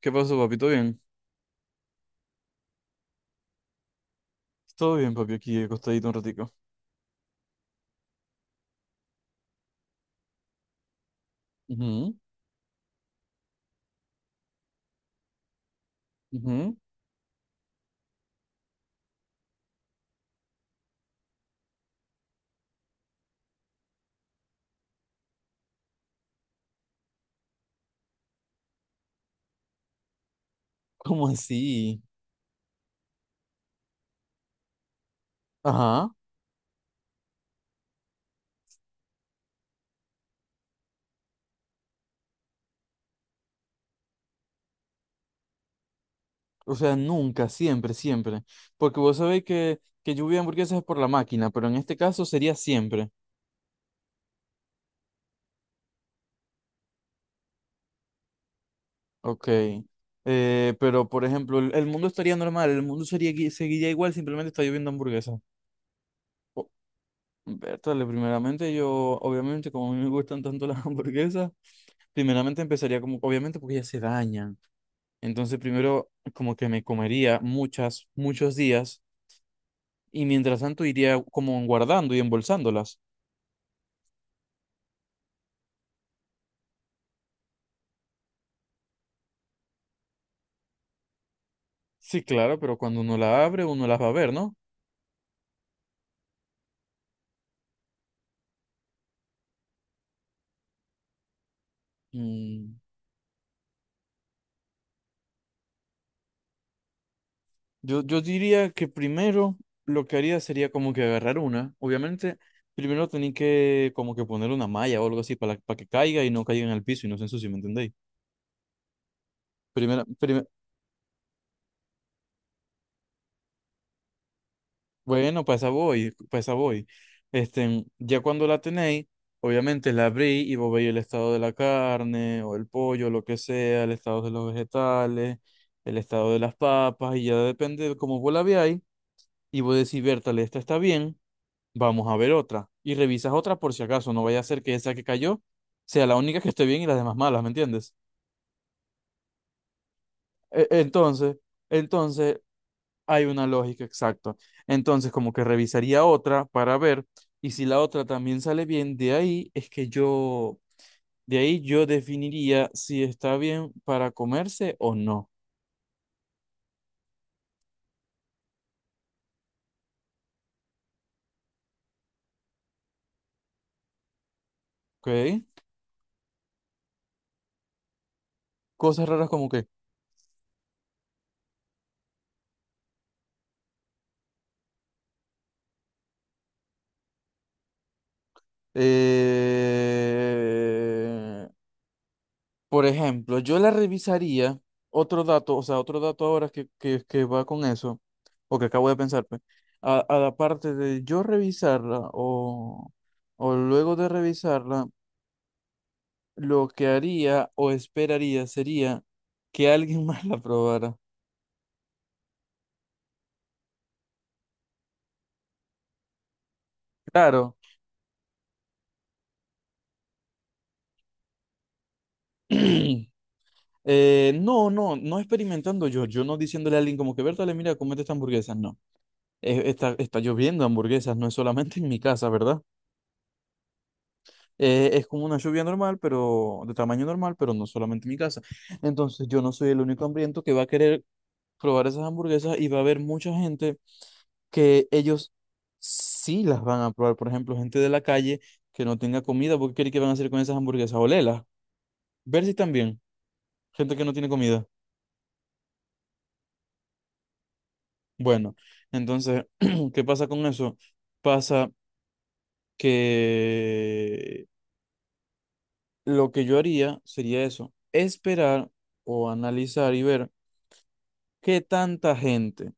¿Qué pasó, papi? ¿Todo bien? Todo bien, papi, aquí acostadito un ratico. Ujú, ujú. ¿Cómo así? Ajá. O sea, nunca, siempre, siempre. Porque vos sabéis que lluvia de hamburguesas es por la máquina, pero en este caso sería siempre. Ok. Pero, por ejemplo, el mundo estaría normal, el mundo sería, seguiría igual, simplemente está lloviendo hamburguesas. Oh, Bertale, primeramente yo, obviamente, como a mí me gustan tanto las hamburguesas, primeramente empezaría como, obviamente, porque ellas se dañan. Entonces primero como que me comería muchas, muchos días y mientras tanto iría como guardando y embolsándolas. Sí, claro, pero cuando uno la abre uno las va a ver, ¿no? Mm. Yo diría que primero lo que haría sería como que agarrar una. Obviamente primero tenía que como que poner una malla o algo así para que caiga y no caiga en el piso y no se ensucie, ¿me entendéis? Primera, prim- Bueno, pues a voy, pues a voy. Este, ya cuando la tenéis, obviamente la abrí y vos veis el estado de la carne o el pollo, lo que sea, el estado de los vegetales, el estado de las papas, y ya depende de cómo vos la veáis, y vos decís, Bertale, esta está bien, vamos a ver otra. Y revisas otra por si acaso, no vaya a ser que esa que cayó sea la única que esté bien y las demás malas, ¿me entiendes? Entonces, entonces, hay una lógica, exacto. Entonces, como que revisaría otra para ver, y si la otra también sale bien, de ahí es que yo, de ahí yo definiría si está bien para comerse o no. ¿Ok? Cosas raras como que, eh, por ejemplo, yo la revisaría, otro dato, o sea, otro dato ahora que va con eso, o que acabo de pensar, pues, a la parte de yo revisarla o luego de revisarla lo que haría o esperaría sería que alguien más la probara. Claro. No, no experimentando yo, yo no diciéndole a alguien como que, Bertale, mira, comete esta hamburguesa, no. Está lloviendo hamburguesas, no es solamente en mi casa, ¿verdad? Es como una lluvia normal, pero de tamaño normal, pero no solamente en mi casa. Entonces yo no soy el único hambriento que va a querer probar esas hamburguesas y va a haber mucha gente que ellos sí las van a probar. Por ejemplo, gente de la calle que no tenga comida, ¿por qué cree que van a hacer con esas hamburguesas? Olerlas. Ver si también. Gente que no tiene comida. Bueno, entonces, ¿qué pasa con eso? Pasa que lo que yo haría sería eso, esperar o analizar y ver qué tanta gente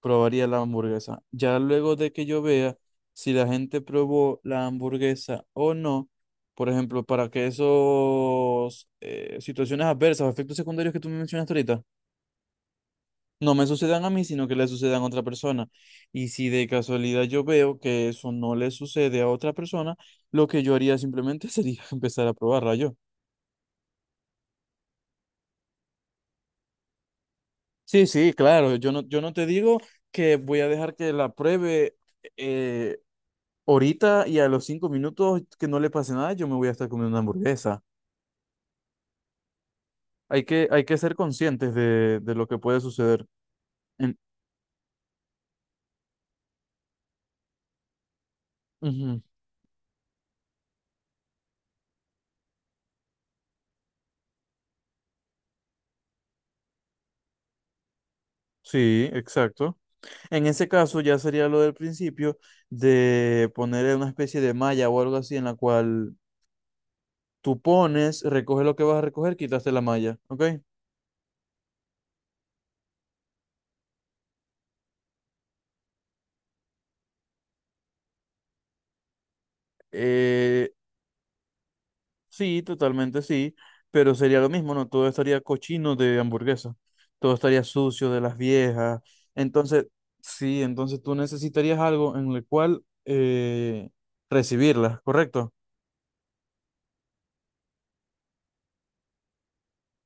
probaría la hamburguesa. Ya luego de que yo vea si la gente probó la hamburguesa o no, por ejemplo, para que esos situaciones adversas o efectos secundarios que tú me mencionaste ahorita no me sucedan a mí, sino que le sucedan a otra persona. Y si de casualidad yo veo que eso no le sucede a otra persona, lo que yo haría simplemente sería empezar a probarla yo. Sí, sí, claro, yo no te digo que voy a dejar que la pruebe eh, ahorita y a los 5 minutos que no le pase nada, yo me voy a estar comiendo una hamburguesa. Hay que ser conscientes de lo que puede suceder. En- Ujú. Sí, exacto. En ese caso ya sería lo del principio de poner una especie de malla o algo así en la cual tú pones, recoges lo que vas a recoger, quitaste la malla, ¿ok? Eh, Sí, totalmente sí, pero sería lo mismo, ¿no? Todo estaría cochino de hamburguesa, todo estaría sucio de las viejas. Entonces, sí, entonces tú necesitarías algo en el cual recibirlas, ¿correcto?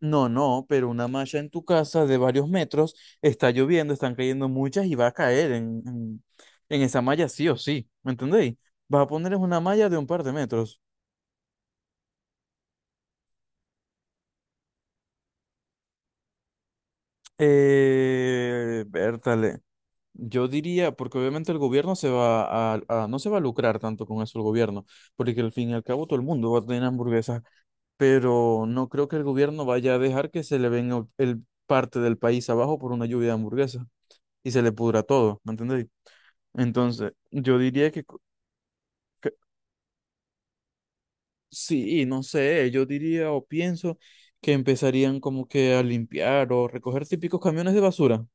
No, no, pero una malla en tu casa de varios metros, está lloviendo, están cayendo muchas y va a caer en esa malla sí o sí, ¿me entendéis? Vas a poner es una malla de un par de metros. Eh, Yo diría, porque obviamente el gobierno se va a, no se va a lucrar tanto con eso el gobierno, porque al fin y al cabo todo el mundo va a tener hamburguesas, pero no creo que el gobierno vaya a dejar que se le venga el parte del país abajo por una lluvia de hamburguesas y se le pudra todo, ¿me entendéis? Entonces, yo diría que, co- que sí, no sé, yo diría o pienso que empezarían como que a limpiar o recoger típicos camiones de basura,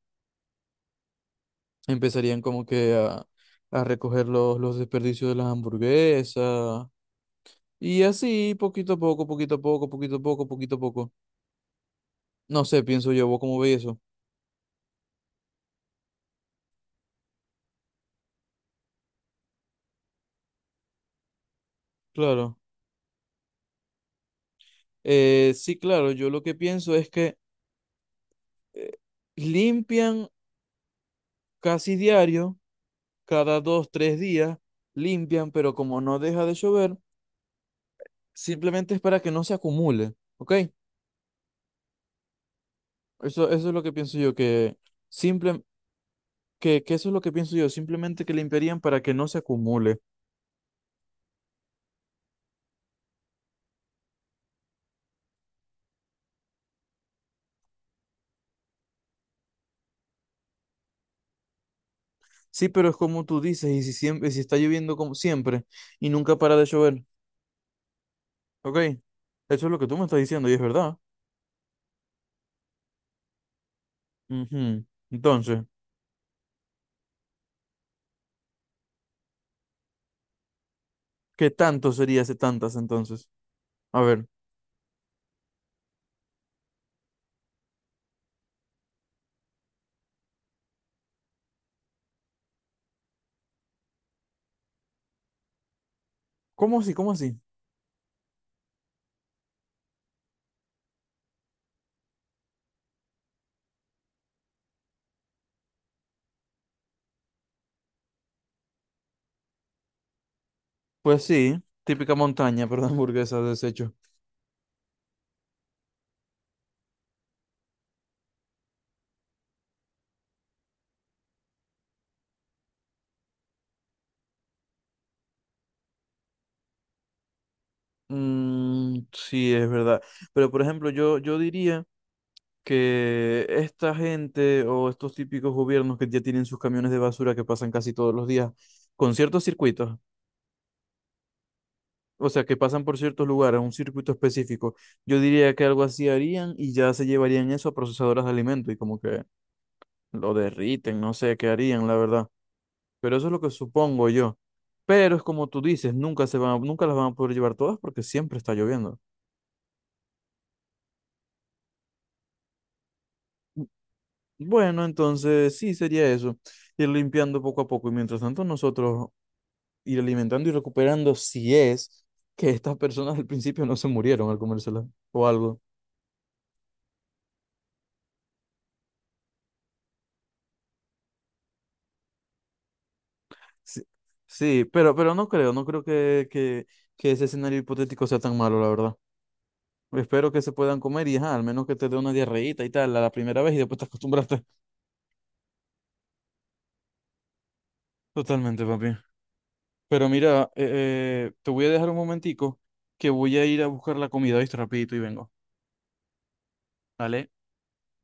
empezarían como que a recoger los desperdicios de las hamburguesas. Y así, poquito a poco, poquito a poco, poquito a poco, poquito a poco. No sé, pienso yo, ¿vos cómo veis eso? Claro. Sí, claro, yo lo que pienso es que eh, limpian casi diario, cada dos, tres días, limpian, pero como no deja de llover, simplemente es para que no se acumule, ¿ok? Eso es lo que pienso yo, que, simple, que eso es lo que pienso yo, simplemente que limpiarían para que no se acumule. Sí, pero es como tú dices, y si siempre, si está lloviendo como siempre y nunca para de llover. Ok, eso es lo que tú me estás diciendo y es verdad. Ujú. Entonces, ¿qué tanto sería ese tantas entonces? A ver, ¿cómo así? ¿Cómo así? Pues sí, típica montaña, pero de hamburguesas deshecho. Mm, sí, es verdad. Pero por ejemplo, yo diría que esta gente o estos típicos gobiernos que ya tienen sus camiones de basura que pasan casi todos los días con ciertos circuitos. O sea, que pasan por ciertos lugares, un circuito específico, yo diría que algo así harían y ya se llevarían eso a procesadoras de alimento y como que lo derriten, no sé qué harían, la verdad. Pero eso es lo que supongo yo. Pero es como tú dices, nunca se van, nunca las van a poder llevar todas porque siempre está lloviendo. Bueno, entonces sí sería eso, ir limpiando poco a poco y mientras tanto nosotros ir alimentando y recuperando si es que estas personas al principio no se murieron al comérselas o algo. Sí, sí, pero no creo, no creo que ese escenario hipotético sea tan malo, la verdad. Espero que se puedan comer y ajá, al menos que te dé una diarreíta y tal a la primera vez y después te acostumbraste totalmente, papi. Pero mira, te voy a dejar un momentico que voy a ir a buscar la comida, ¿viste? Rapidito y vengo. ¿Vale?